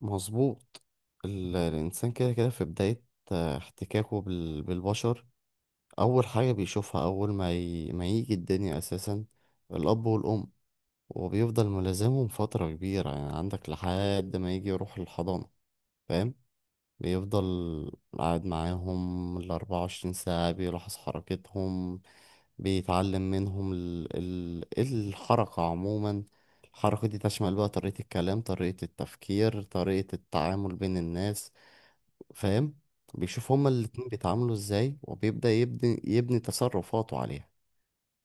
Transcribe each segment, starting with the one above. مظبوط. الإنسان كده كده في بداية احتكاكه بالبشر. أول حاجة بيشوفها أول ما يجي الدنيا أساسا الأب والأم. وبيفضل ملازمهم فترة كبيرة، يعني عندك لحد ما يجي يروح الحضانة. فاهم؟ بيفضل قاعد معاهم الـ24 ساعة، بيلاحظ حركتهم، بيتعلم منهم الحركة عموما. الحركة دي تشمل بقى طريقة الكلام، طريقة التفكير، طريقة التعامل بين الناس. فاهم؟ بيشوف هما الاتنين بيتعاملوا ازاي، وبيبدأ يبني تصرفاته عليها.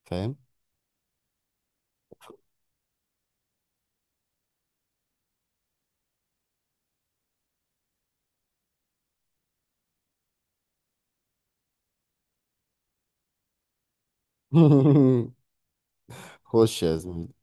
فاهم؟ خش يا زميلي.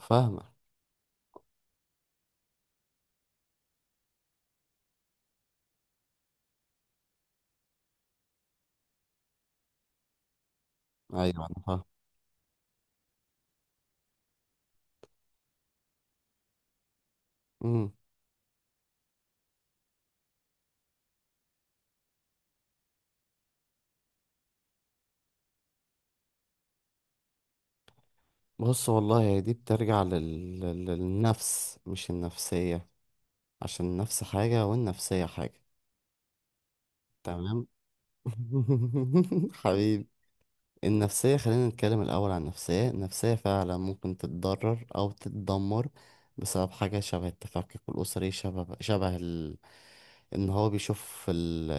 فاهمة. ايوه انا فاهم. مم. بص والله، هي دي بترجع للنفس، مش النفسية. عشان النفس حاجة والنفسية حاجة. تمام. حبيبي. النفسية، خلينا نتكلم الأول عن النفسية. النفسية فعلا ممكن تتضرر أو تتدمر بسبب حاجة شبه التفكك الأسري، شبه إن هو بيشوف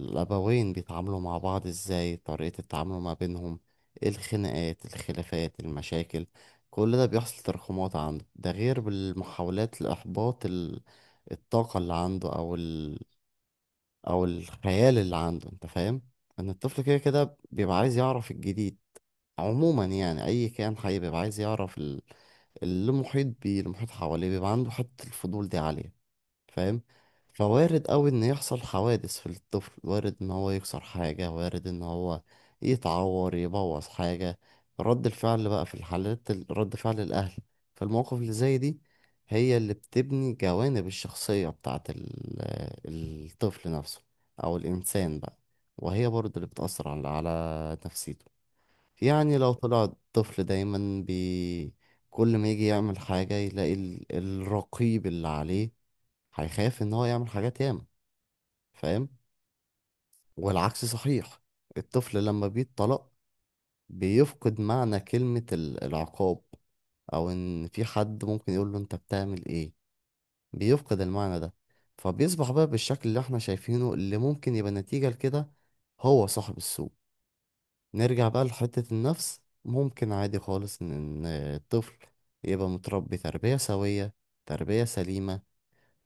الأبوين بيتعاملوا مع بعض إزاي، طريقة التعامل ما بينهم، الخناقات، الخلافات، المشاكل. كل ده بيحصل تراكمات عنده، ده غير بالمحاولات لإحباط الطاقة اللي عنده أو الخيال اللي عنده. انت فاهم؟ ان الطفل كده كده بيبقى عايز يعرف الجديد. عموما يعني اي كائن حي بيبقى عايز يعرف اللي محيط بيه، المحيط حواليه، بيبقى عنده حتة الفضول دي عالية. فاهم؟ فوارد قوي ان يحصل حوادث في الطفل. وارد ان هو يكسر حاجة، وارد ان هو يتعور، يبوظ حاجة. رد الفعل بقى في الحالات رد فعل الاهل، فالمواقف اللي زي دي هي اللي بتبني جوانب الشخصية بتاعت الطفل نفسه، او الانسان بقى. وهي برضه اللي بتأثر على نفسيته. يعني لو طلع الطفل دايما كل ما يجي يعمل حاجة يلاقي الرقيب اللي عليه، هيخاف ان هو يعمل حاجات ياما. فاهم؟ والعكس صحيح. الطفل لما بيتطلق بيفقد معنى كلمة العقاب، او ان في حد ممكن يقول له انت بتعمل ايه. بيفقد المعنى ده. فبيصبح بقى بالشكل اللي احنا شايفينه، اللي ممكن يبقى نتيجة لكده هو صاحب السوء. نرجع بقى لحتة النفس. ممكن عادي خالص ان إن الطفل يبقى متربي تربية سوية، تربية سليمة،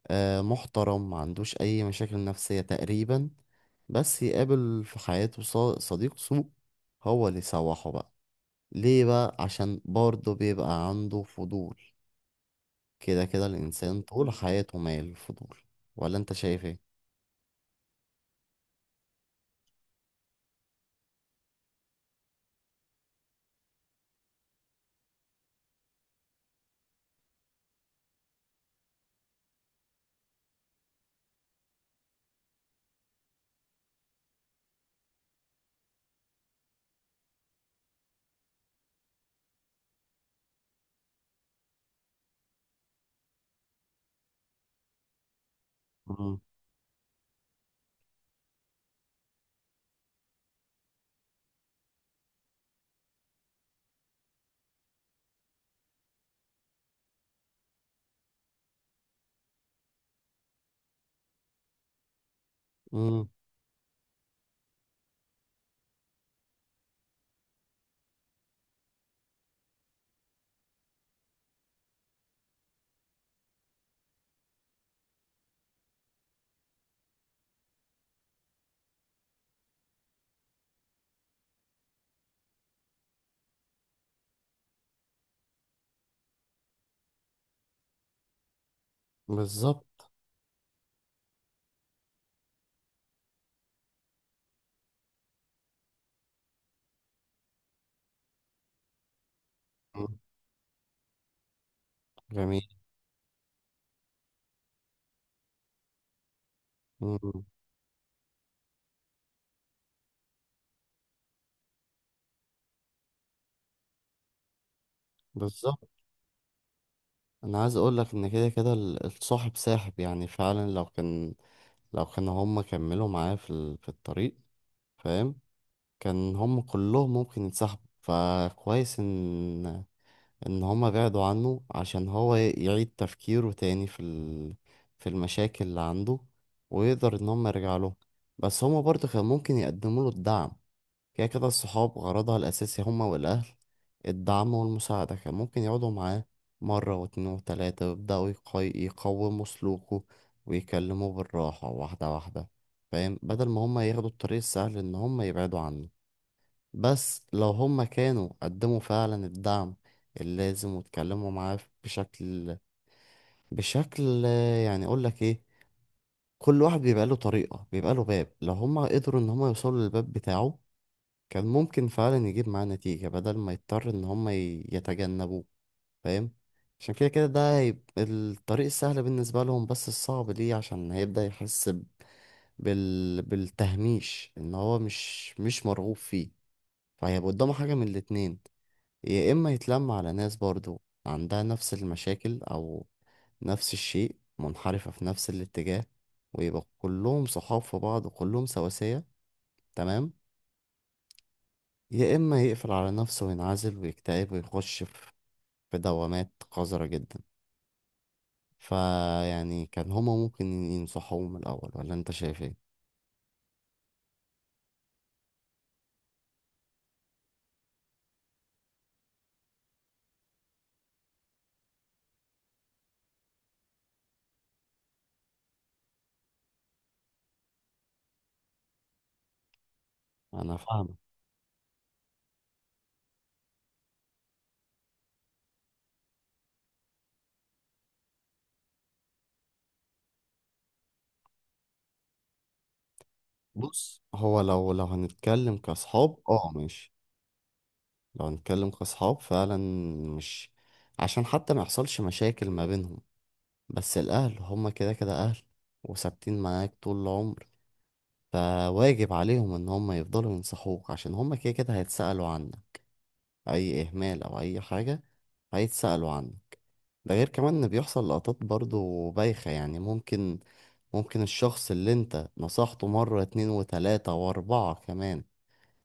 محترم، ما عندوش أي مشاكل نفسية تقريبا. بس يقابل في حياته صديق سوء، هو اللي يسوحه بقى. ليه بقى؟ عشان برضه بيبقى عنده فضول. كده كده الإنسان طول حياته مايل للفضول. ولا أنت شايف إيه؟ مم. مم. بالظبط. مم. جميل. مم. بالظبط. أنا عايز أقول لك إن كده كده الصاحب ساحب. يعني فعلا لو كان هما كملوا معاه في الطريق. فاهم؟ كان هم كلهم ممكن يتسحبوا. فكويس ان هم بعدوا عنه عشان هو يعيد تفكيره تاني في في المشاكل اللي عنده، ويقدر ان هم يرجع له. بس هم برضه كان ممكن يقدموا له الدعم. كده كده الصحاب غرضها الاساسي هم والاهل الدعم والمساعدة. كان ممكن يقعدوا معاه مرة واتنين وتلاتة ويبدأوا يقوموا سلوكه، ويكلموه بالراحة، واحدة واحدة. فاهم؟ بدل ما هم ياخدوا الطريق السهل ان هم يبعدوا عنه. بس لو هم كانوا قدموا فعلا الدعم اللازم، واتكلموا معاه بشكل، يعني اقول لك ايه؟ كل واحد بيبقى له طريقة، بيبقى له باب. لو هم قدروا ان هم يوصلوا للباب بتاعه، كان ممكن فعلا يجيب معاه نتيجة بدل ما يضطر ان هم يتجنبوه. فاهم؟ عشان كده كده ده هيبقى الطريق السهل بالنسبة لهم، بس الصعب ليه عشان هيبدأ يحس بالتهميش، ان هو مش مرغوب فيه. فهيبقى قدامه حاجة من الاتنين: يا إما يتلم على ناس برضو عندها نفس المشاكل أو نفس الشيء، منحرفة في نفس الاتجاه، ويبقى كلهم صحاب في بعض وكلهم سواسية. تمام. يا إما يقفل على نفسه وينعزل ويكتئب ويخش في في دوامات قذرة جدا. فيعني كان هما ممكن ينصحوه من الأول. ولا أنت شايف إيه؟ أنا فاهمك. بص هو لو هنتكلم كأصحاب، اه ماشي، لو هنتكلم كأصحاب فعلا، مش عشان حتى ما يحصلش مشاكل ما بينهم. بس الأهل هما كده كده أهل، وثابتين معاك طول العمر. فواجب عليهم إن هما يفضلوا ينصحوك، عشان هما كده كده هيتسألوا عنك. أي إهمال أو أي حاجة هيتسألوا عنك. ده غير كمان إن بيحصل لقطات برضو بايخة يعني، ممكن الشخص اللي أنت نصحته مرة اتنين وتلاتة وأربعة كمان،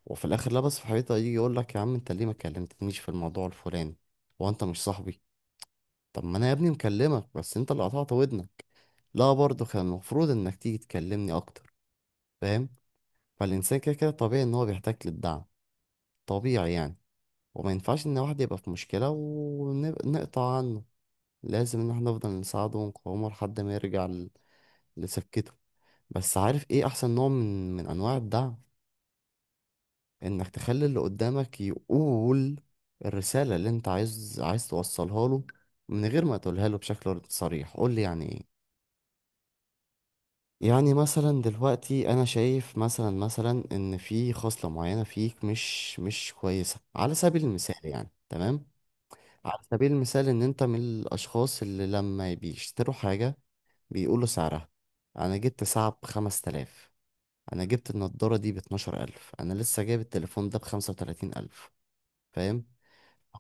وفي الآخر لبس في حيطة، يجي يقولك يا عم أنت ليه ما كلمتنيش في الموضوع الفلاني؟ وأنت مش صاحبي. طب ما انا يا ابني مكلمك، بس انت اللي قطعت ودنك. لا برضه كان المفروض انك تيجي تكلمني اكتر. فاهم؟ فالانسان كده كده طبيعي ان هو بيحتاج للدعم، طبيعي يعني. وما ينفعش ان واحد يبقى في مشكلة ونقطع عنه. لازم ان احنا نفضل نساعده ونقومه لحد ما يرجع لسكته. بس عارف ايه احسن نوع من انواع الدعم؟ انك تخلي اللي قدامك يقول الرسالة اللي انت عايز توصلها له من غير ما تقولها له بشكل صريح. قول لي يعني ايه؟ يعني مثلا دلوقتي انا شايف مثلا ان في خصلة معينة فيك مش كويسة، على سبيل المثال يعني، تمام، على سبيل المثال ان انت من الاشخاص اللي لما بيشتروا حاجة بيقولوا سعرها: انا جبت ساعة بـ5000، انا جبت النضارة دي بـ12000، انا لسه جايب التليفون ده بـ35000. فاهم؟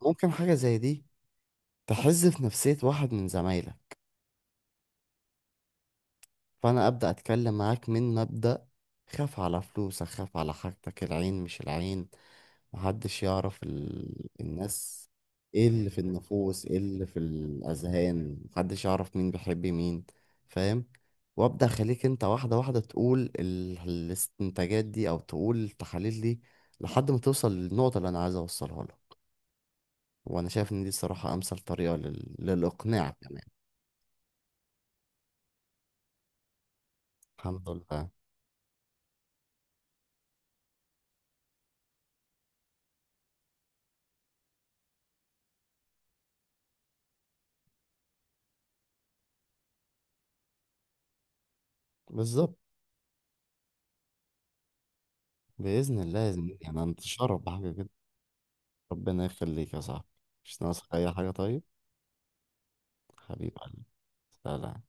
ممكن حاجة زي دي تحز في نفسية واحد من زمايلك. فانا ابدا اتكلم معاك من مبدا: خاف على فلوسك، خاف على حاجتك، العين مش العين، محدش يعرف الناس ايه اللي في النفوس، ايه اللي في الاذهان، محدش يعرف مين بيحب مين. فاهم؟ وابدا اخليك انت واحده واحده تقول الاستنتاجات دي او تقول التحاليل دي لحد ما توصل للنقطه اللي انا عايز اوصلها لك. وانا شايف ان دي الصراحه امثل طريقه للاقناع كمان. الحمد لله. بالظبط. باذن الله يا زميلي انا انتشرف بحاجه. ربنا يخليك يا صاحبي. مش ناقصك أي حاجة طيب. حبيب قلبي. سلام.